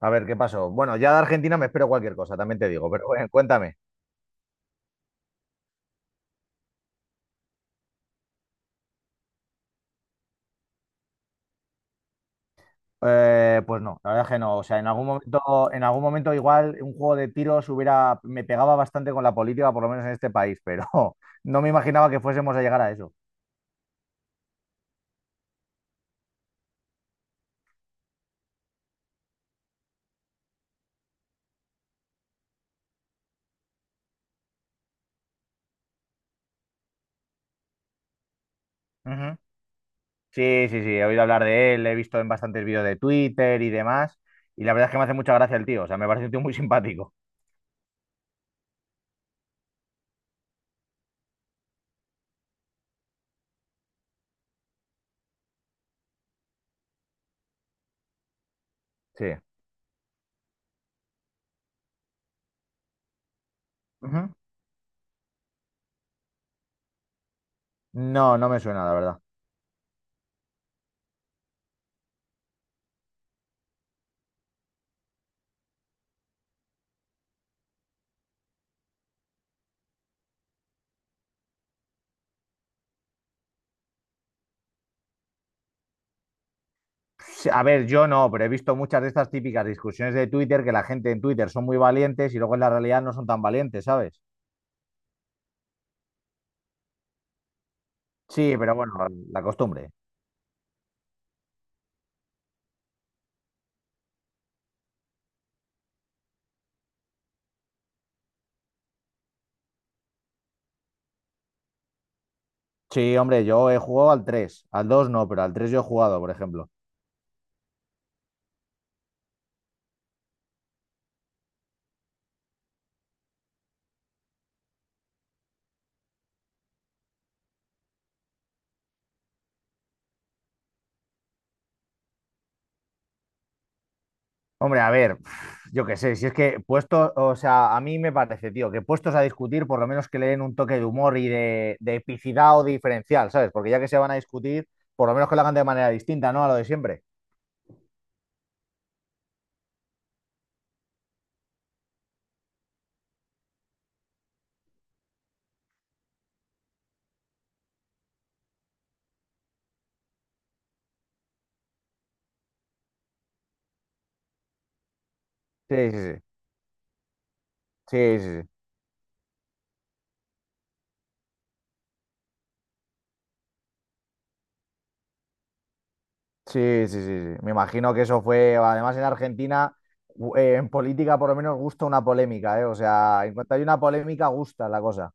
A ver, ¿qué pasó? Bueno, ya de Argentina me espero cualquier cosa, también te digo, pero bueno, cuéntame. Pues no, la verdad es que no. O sea, en algún momento igual un juego de tiros hubiera, me pegaba bastante con la política, por lo menos en este país, pero no me imaginaba que fuésemos a llegar a eso. Ujú. Sí, he oído hablar de él, le he visto en bastantes vídeos de Twitter y demás, y la verdad es que me hace mucha gracia el tío, o sea, me parece un tío muy simpático. Sí. Ujú. No, no me suena, la verdad. Sí. A ver, yo no, pero he visto muchas de estas típicas discusiones de Twitter que la gente en Twitter son muy valientes y luego en la realidad no son tan valientes, ¿sabes? Sí, pero bueno, la costumbre. Sí, hombre, yo he jugado al tres, al 2 no, pero al 3 yo he jugado, por ejemplo. Hombre, a ver, yo qué sé, si es que puestos, o sea, a mí me parece, tío, que puestos a discutir, por lo menos que le den un toque de humor y de epicidad o diferencial, ¿sabes? Porque ya que se van a discutir, por lo menos que lo hagan de manera distinta, ¿no? A lo de siempre. Sí. Sí. Sí, sí. Me imagino que eso fue, además en Argentina, en política por lo menos gusta una polémica, ¿eh? O sea, en cuanto hay una polémica, gusta la cosa.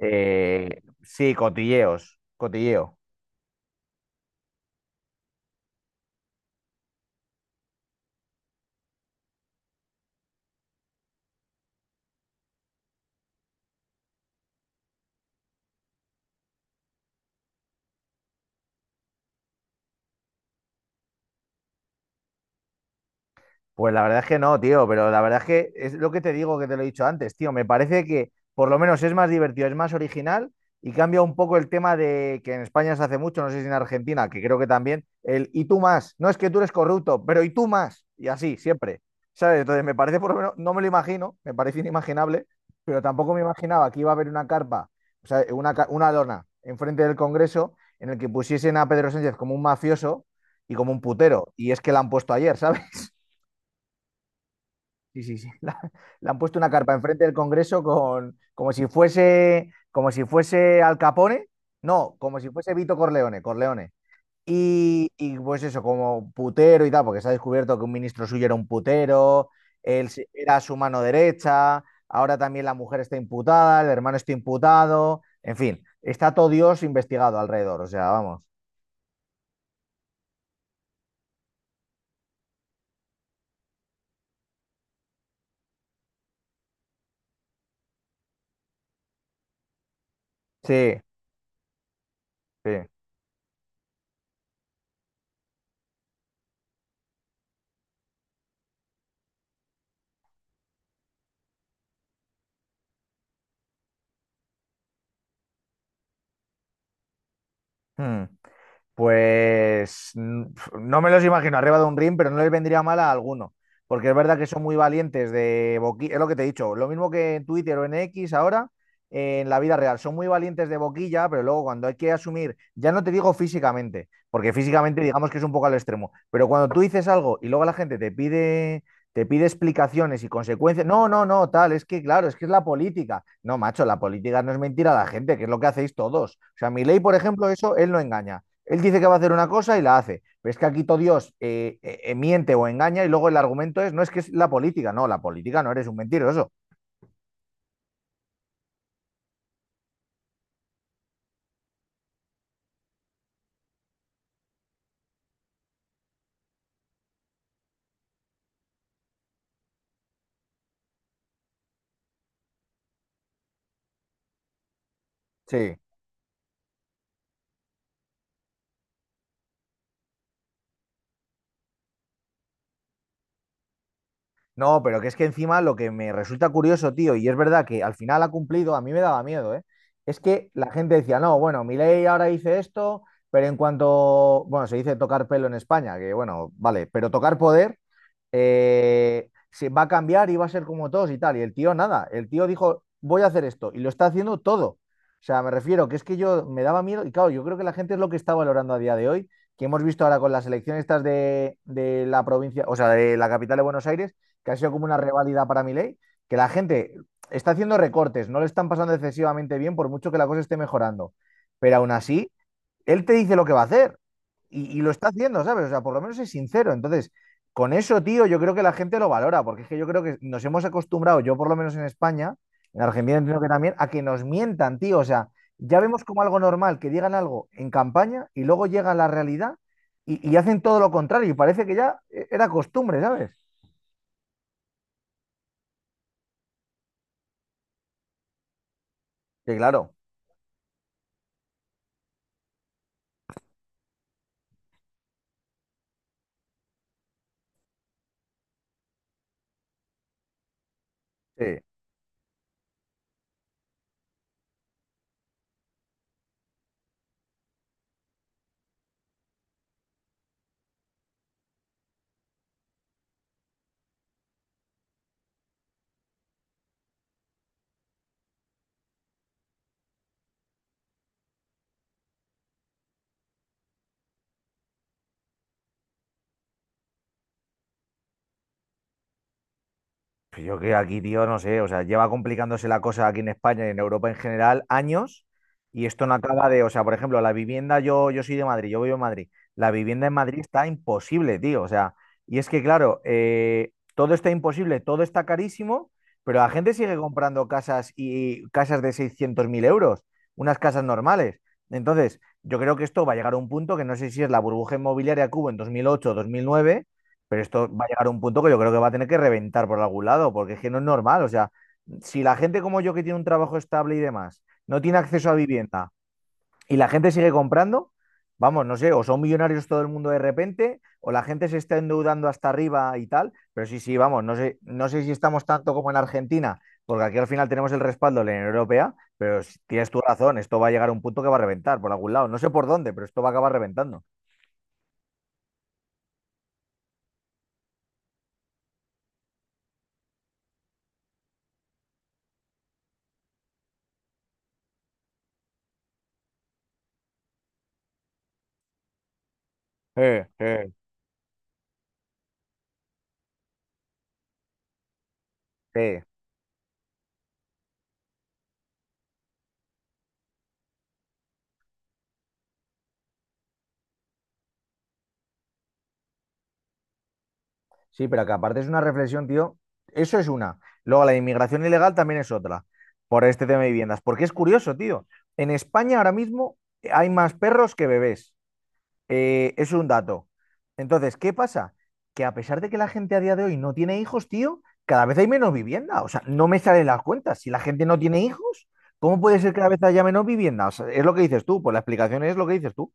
Sí, cotilleos, cotilleo. Pues la verdad es que no, tío, pero la verdad es que es lo que te digo, que te lo he dicho antes, tío. Me parece que por lo menos es más divertido, es más original y cambia un poco el tema de que en España se hace mucho, no sé si en Argentina, que creo que también, el y tú más. No es que tú eres corrupto, pero y tú más. Y así, siempre. ¿Sabes? Entonces me parece por lo menos, no me lo imagino, me parece inimaginable, pero tampoco me imaginaba que iba a haber una carpa, o sea, una, una lona enfrente del Congreso en el que pusiesen a Pedro Sánchez como un mafioso y como un putero. Y es que la han puesto ayer, ¿sabes? Sí. Le han puesto una carpa enfrente del Congreso con, como si fuese Al Capone, no, como si fuese Vito Corleone, Corleone. Y pues eso, como putero y tal, porque se ha descubierto que un ministro suyo era un putero, era su mano derecha, ahora también la mujer está imputada, el hermano está imputado, en fin, está todo Dios investigado alrededor, o sea, vamos. Sí, sí. Hmm. Pues no me los imagino arriba de un ring, pero no les vendría mal a alguno, porque es verdad que son muy valientes de boquilla, es lo que te he dicho, lo mismo que en Twitter o en X ahora, en la vida real, son muy valientes de boquilla, pero luego cuando hay que asumir, ya no te digo físicamente, porque físicamente digamos que es un poco al extremo, pero cuando tú dices algo y luego la gente te pide explicaciones y consecuencias, no, no, no, tal, es que claro, es que es la política. No, macho, la política no es mentira a la gente, que es lo que hacéis todos. O sea, mi ley por ejemplo, eso, él no engaña. Él dice que va a hacer una cosa y la hace. Pero es que aquí todo Dios miente o engaña y luego el argumento es, no es que es la política no eres un mentiroso. Sí. No, pero que es que encima lo que me resulta curioso, tío, y es verdad que al final ha cumplido, a mí me daba miedo, ¿eh? Es que la gente decía, no, bueno, Milei ahora dice esto, pero en cuanto, bueno, se dice tocar pelo en España, que bueno, vale, pero tocar poder se va a cambiar y va a ser como todos y tal. Y el tío nada, el tío dijo, voy a hacer esto y lo está haciendo todo. O sea, me refiero que es que yo me daba miedo y claro, yo creo que la gente es lo que está valorando a día de hoy, que hemos visto ahora con las elecciones estas de la provincia, o sea, de la capital de Buenos Aires, que ha sido como una reválida para Milei, que la gente está haciendo recortes, no le están pasando excesivamente bien por mucho que la cosa esté mejorando. Pero aún así, él te dice lo que va a hacer y lo está haciendo, ¿sabes? O sea, por lo menos es sincero. Entonces, con eso, tío, yo creo que la gente lo valora, porque es que yo creo que nos hemos acostumbrado, yo por lo menos en España, en Argentina entiendo que también, a que nos mientan, tío. O sea, ya vemos como algo normal que digan algo en campaña y luego llega la realidad y hacen todo lo contrario. Y parece que ya era costumbre, ¿sabes? Que claro, sí. Pues yo que aquí, tío, no sé, o sea, lleva complicándose la cosa aquí en España y en Europa en general años y esto no acaba de, o sea, por ejemplo, la vivienda, yo soy de Madrid, yo vivo en Madrid, la vivienda en Madrid está imposible, tío, o sea, y es que claro, todo está imposible, todo está carísimo, pero la gente sigue comprando casas y casas de 600.000 euros, unas casas normales. Entonces, yo creo que esto va a llegar a un punto que no sé si es la burbuja inmobiliaria que hubo en 2008 o 2009, pero esto va a llegar a un punto que yo creo que va a tener que reventar por algún lado, porque es que no es normal. O sea, si la gente como yo que tiene un trabajo estable y demás no tiene acceso a vivienda y la gente sigue comprando, vamos, no sé, o son millonarios todo el mundo de repente, o la gente se está endeudando hasta arriba y tal, pero sí, sí, vamos, no sé, no sé si estamos tanto como en Argentina, porque aquí al final tenemos el respaldo de la Unión Europea, pero si tienes tu razón, esto va a llegar a un punto que va a reventar por algún lado, no sé por dónde, pero esto va a acabar reventando. Eh, eh. Sí. Sí, pero que aparte es una reflexión, tío. Eso es una. Luego la inmigración ilegal también es otra, por este tema de viviendas. Porque es curioso, tío. En España ahora mismo hay más perros que bebés. Es un dato. Entonces, ¿qué pasa? Que a pesar de que la gente a día de hoy no tiene hijos, tío, cada vez hay menos vivienda. O sea, no me salen las cuentas. Si la gente no tiene hijos, ¿cómo puede ser que cada vez haya menos vivienda? O sea, es lo que dices tú. Pues la explicación es lo que dices tú.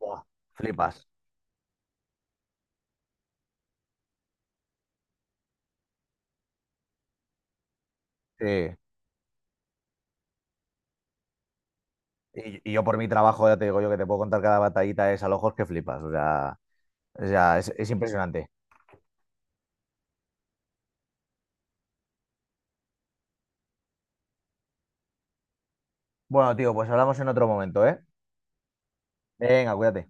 Buah, flipas. Sí. Y yo por mi trabajo, ya te digo yo, que te puedo contar cada batallita es a ojos que flipas. O sea, es impresionante. Bueno, tío, pues hablamos en otro momento, ¿eh? Venga, cuídate.